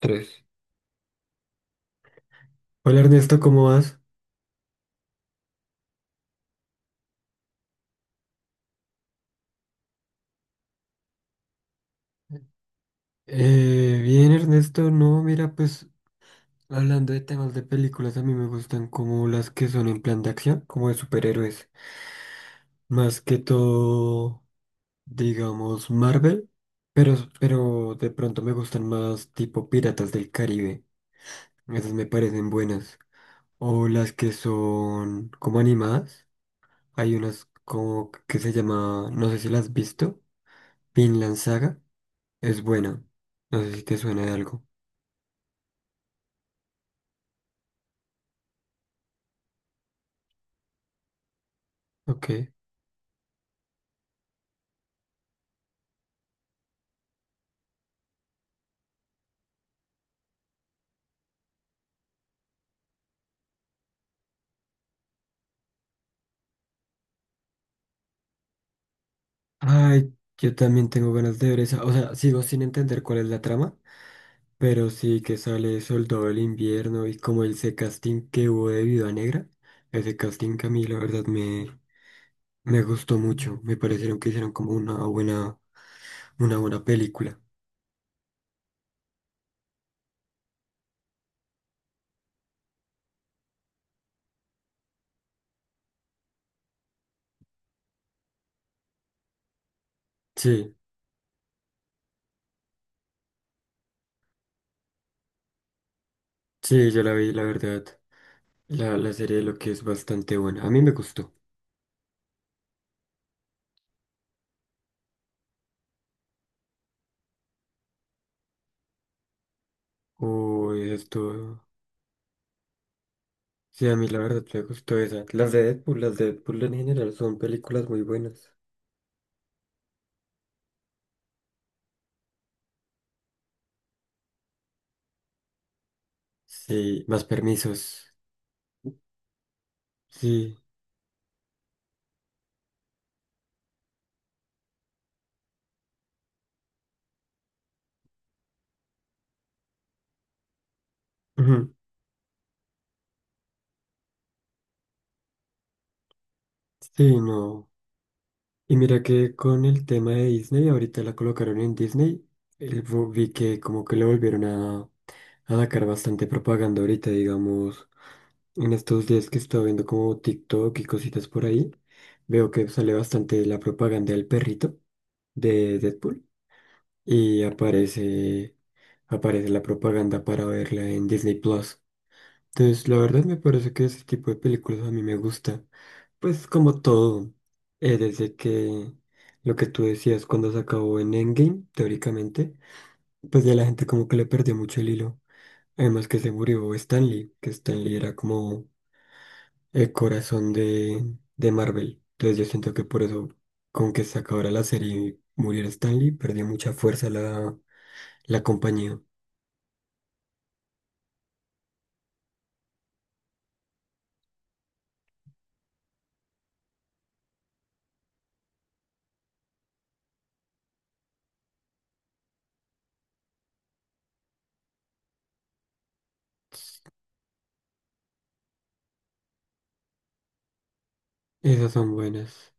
Tres. Hola Ernesto, ¿cómo vas? Bien Ernesto, no, mira, pues hablando de temas de películas, a mí me gustan como las que son en plan de acción, como de superhéroes, más que todo, digamos, Marvel, pero de pronto me gustan más tipo Piratas del Caribe, esas me parecen buenas, o las que son como animadas, hay unas como que se llama, no sé si las has visto, Vinland Saga, es buena, no sé si te suena de algo. Ok. Ay, yo también tengo ganas de ver esa. O sea, sigo sin entender cuál es la trama, pero sí que sale Soldado del Invierno y como ese casting que hubo de Viuda Negra. Ese casting que a mí la verdad me gustó mucho. Me parecieron que hicieron como una buena película. Sí, sí, yo la vi, la verdad. La serie lo que es bastante buena. A mí me gustó. Uy, esto. Sí, a mí la verdad me gustó esa. Las de Deadpool en general son películas muy buenas. Sí, más permisos. Sí. Ujú. Sí, no. Y mira que con el tema de Disney, ahorita la colocaron en Disney, vi que como que le volvieron a sacar bastante propaganda ahorita, digamos, en estos días que estaba viendo como TikTok y cositas por ahí, veo que sale bastante la propaganda del perrito de Deadpool y aparece la propaganda para verla en Disney Plus. Entonces, la verdad me parece que ese tipo de películas a mí me gusta. Pues como todo, desde que lo que tú decías cuando se acabó en Endgame, teóricamente, pues ya la gente como que le perdió mucho el hilo. Además que se murió Stan Lee, que Stan Lee era como el corazón de Marvel. Entonces yo siento que por eso, con que se acabara la serie y muriera Stan Lee, perdió mucha fuerza la compañía. Esas son buenas.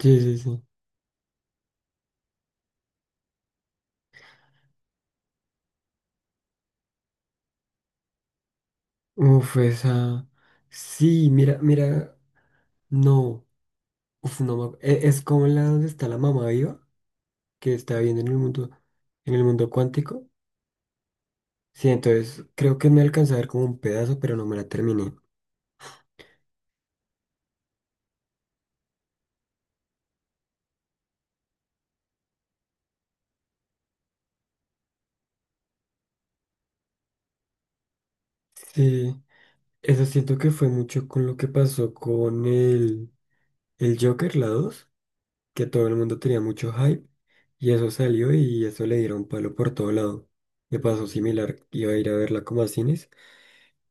Sí, sí, sí. Uf, esa. Sí, mira, mira, no. Uf, no me ac- e- es como la donde está la mamá viva, que está viendo en el mundo, cuántico. Sí, entonces creo que me alcanza a ver como un pedazo, pero no me la terminé. Sí, eso siento que fue mucho con lo que pasó con el Joker, la 2 que todo el mundo tenía mucho hype, y eso salió y eso le dieron palo por todo lado. Me pasó similar, iba a ir a verla como a cines,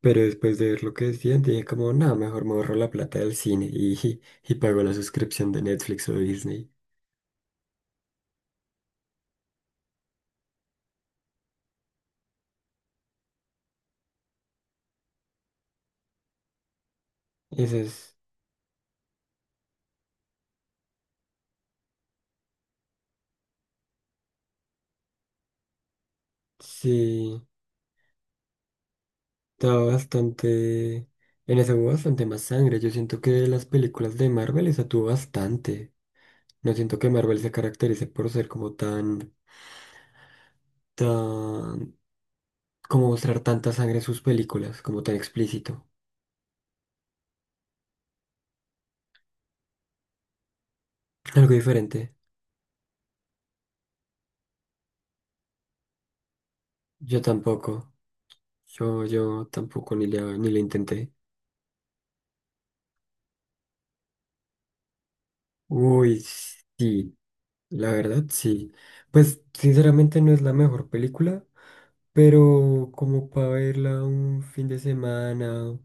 pero después de ver lo que decían, dije como, nada, mejor me ahorro la plata del cine y pago la suscripción de Netflix o de Disney. Eso es, sí, estaba bastante, en eso hubo bastante más sangre. Yo siento que de las películas de Marvel esa tuvo bastante. No siento que Marvel se caracterice por ser como tan, como mostrar tanta sangre en sus películas, como tan explícito. Algo diferente. Yo tampoco. Yo tampoco ni le intenté. Uy, sí, la verdad, sí. Pues sinceramente no es la mejor película. Pero como para verla un fin de semana,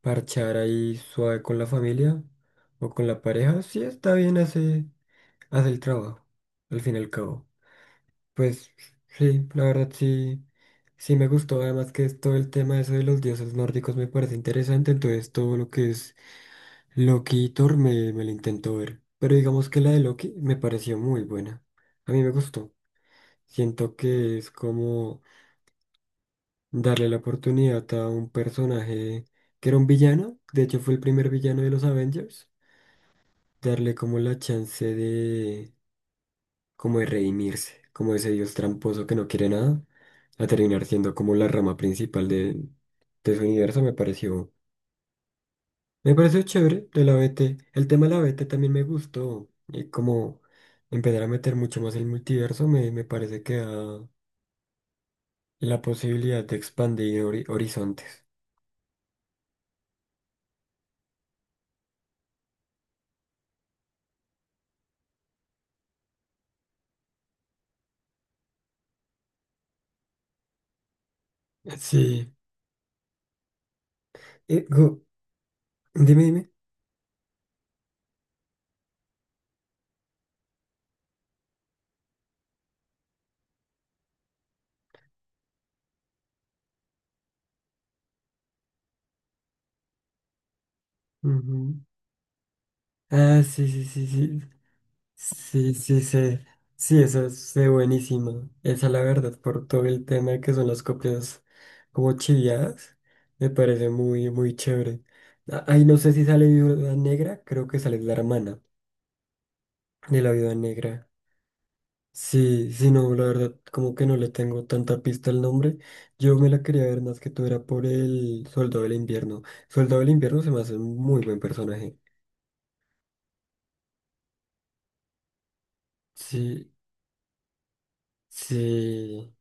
parchar ahí suave con la familia o con la pareja, sí está bien, hace el trabajo, al fin y al cabo. Pues sí, la verdad sí me gustó. Además que es todo el tema eso de los dioses nórdicos me parece interesante, entonces todo lo que es Loki y Thor me lo intento ver. Pero digamos que la de Loki me pareció muy buena. A mí me gustó. Siento que es como darle la oportunidad a un personaje que era un villano, de hecho fue el primer villano de los Avengers, darle como la chance de, como de redimirse, como ese dios tramposo que no quiere nada, a terminar siendo como la rama principal de su universo, me pareció chévere de la B T. El tema de la B T también me gustó, y como empezar a meter mucho más el multiverso, me parece que da la posibilidad de expandir horizontes. Sí. Eh, Gu, dime, dime. Ujú. Ah, sí, sí, sí, sí. Sí, sí, sé. Sí, esa es buenísima. Esa, la verdad, por todo el tema de que son las copias como chiviadas, me parece muy, muy chévere. Ah, ay, no sé si sale Viuda Negra, creo que sale la hermana de la Viuda Negra. Sí, sí, no, la verdad, como que no le tengo tanta pista al nombre. Yo me la quería ver más que tú, era por el Soldado del Invierno. Soldado del Invierno se me hace un muy buen personaje. Sí, sí.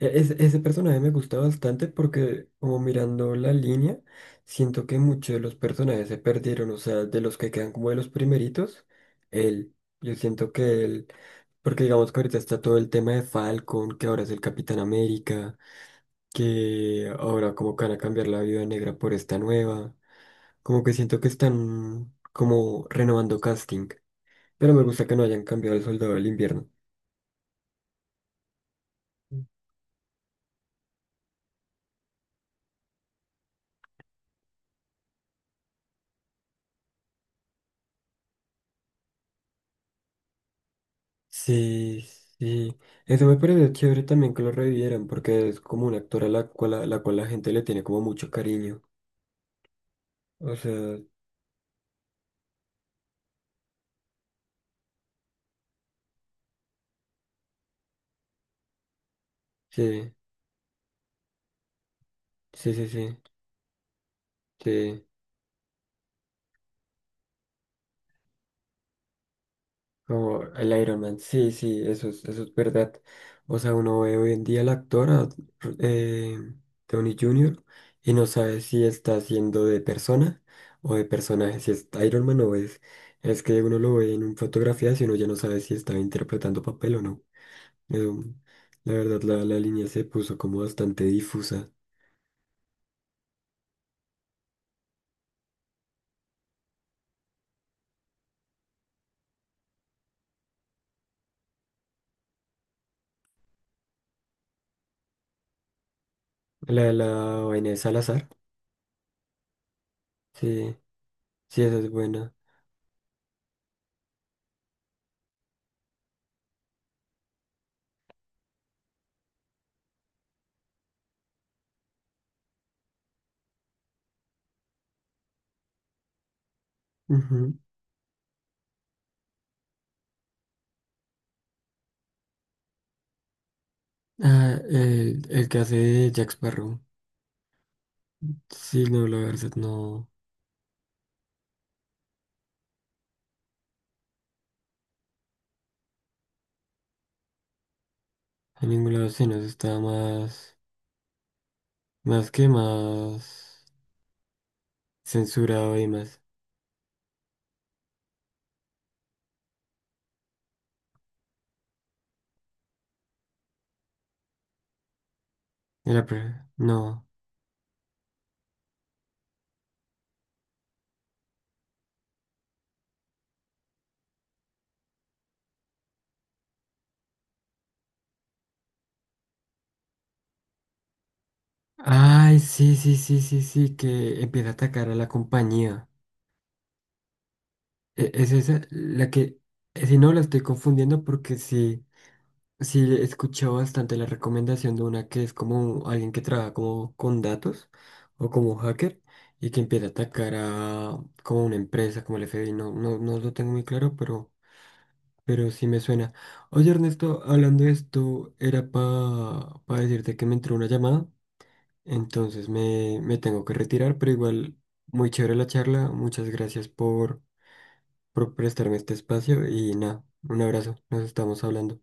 Ese personaje me gusta bastante porque, como mirando la línea, siento que muchos de los personajes se perdieron, o sea, de los que quedan como de los primeritos, él. Yo siento que él, porque digamos que ahorita está todo el tema de Falcon, que ahora es el Capitán América, que ahora como que van a cambiar la Viuda Negra por esta nueva. Como que siento que están como renovando casting, pero me gusta que no hayan cambiado el Soldado del Invierno. Sí, sí. Eso me parece chévere también que lo revivieran, porque es como un actor a la cual la gente le tiene como mucho cariño. O sea, sí, sí, sí, sí, sí. Como el Iron Man, sí, sí, eso es, verdad. O sea, uno ve hoy en día al actor, eh, Tony Jr., y no sabe si está haciendo de persona o de personaje, si es Iron Man o es. Es que uno lo ve en fotografías y uno ya no sabe si está interpretando papel o no. Eh, la verdad, la línea se puso como bastante difusa. La de la vaina de Salazar. Sí, sí, esa es buena. Ujú. Ah, el que hace de Jack Sparrow. Sí, no, la verdad, no. En ningún lado se nos está más, más que más censurado y más. No. Ay, sí, sí, sí, sí, sí, que empieza a atacar a la compañía. Es esa la que, si no, la estoy confundiendo porque sí. Sí, he escuchado bastante la recomendación de una que es como alguien que trabaja como con datos o como hacker y que empieza a atacar a como una empresa, como el FBI. No, no, no lo tengo muy claro, pero sí me suena. Oye, Ernesto, hablando de esto, era para decirte que me entró una llamada, entonces me tengo que retirar, pero igual muy chévere la charla. Muchas gracias por prestarme este espacio y nada, un abrazo, nos estamos hablando.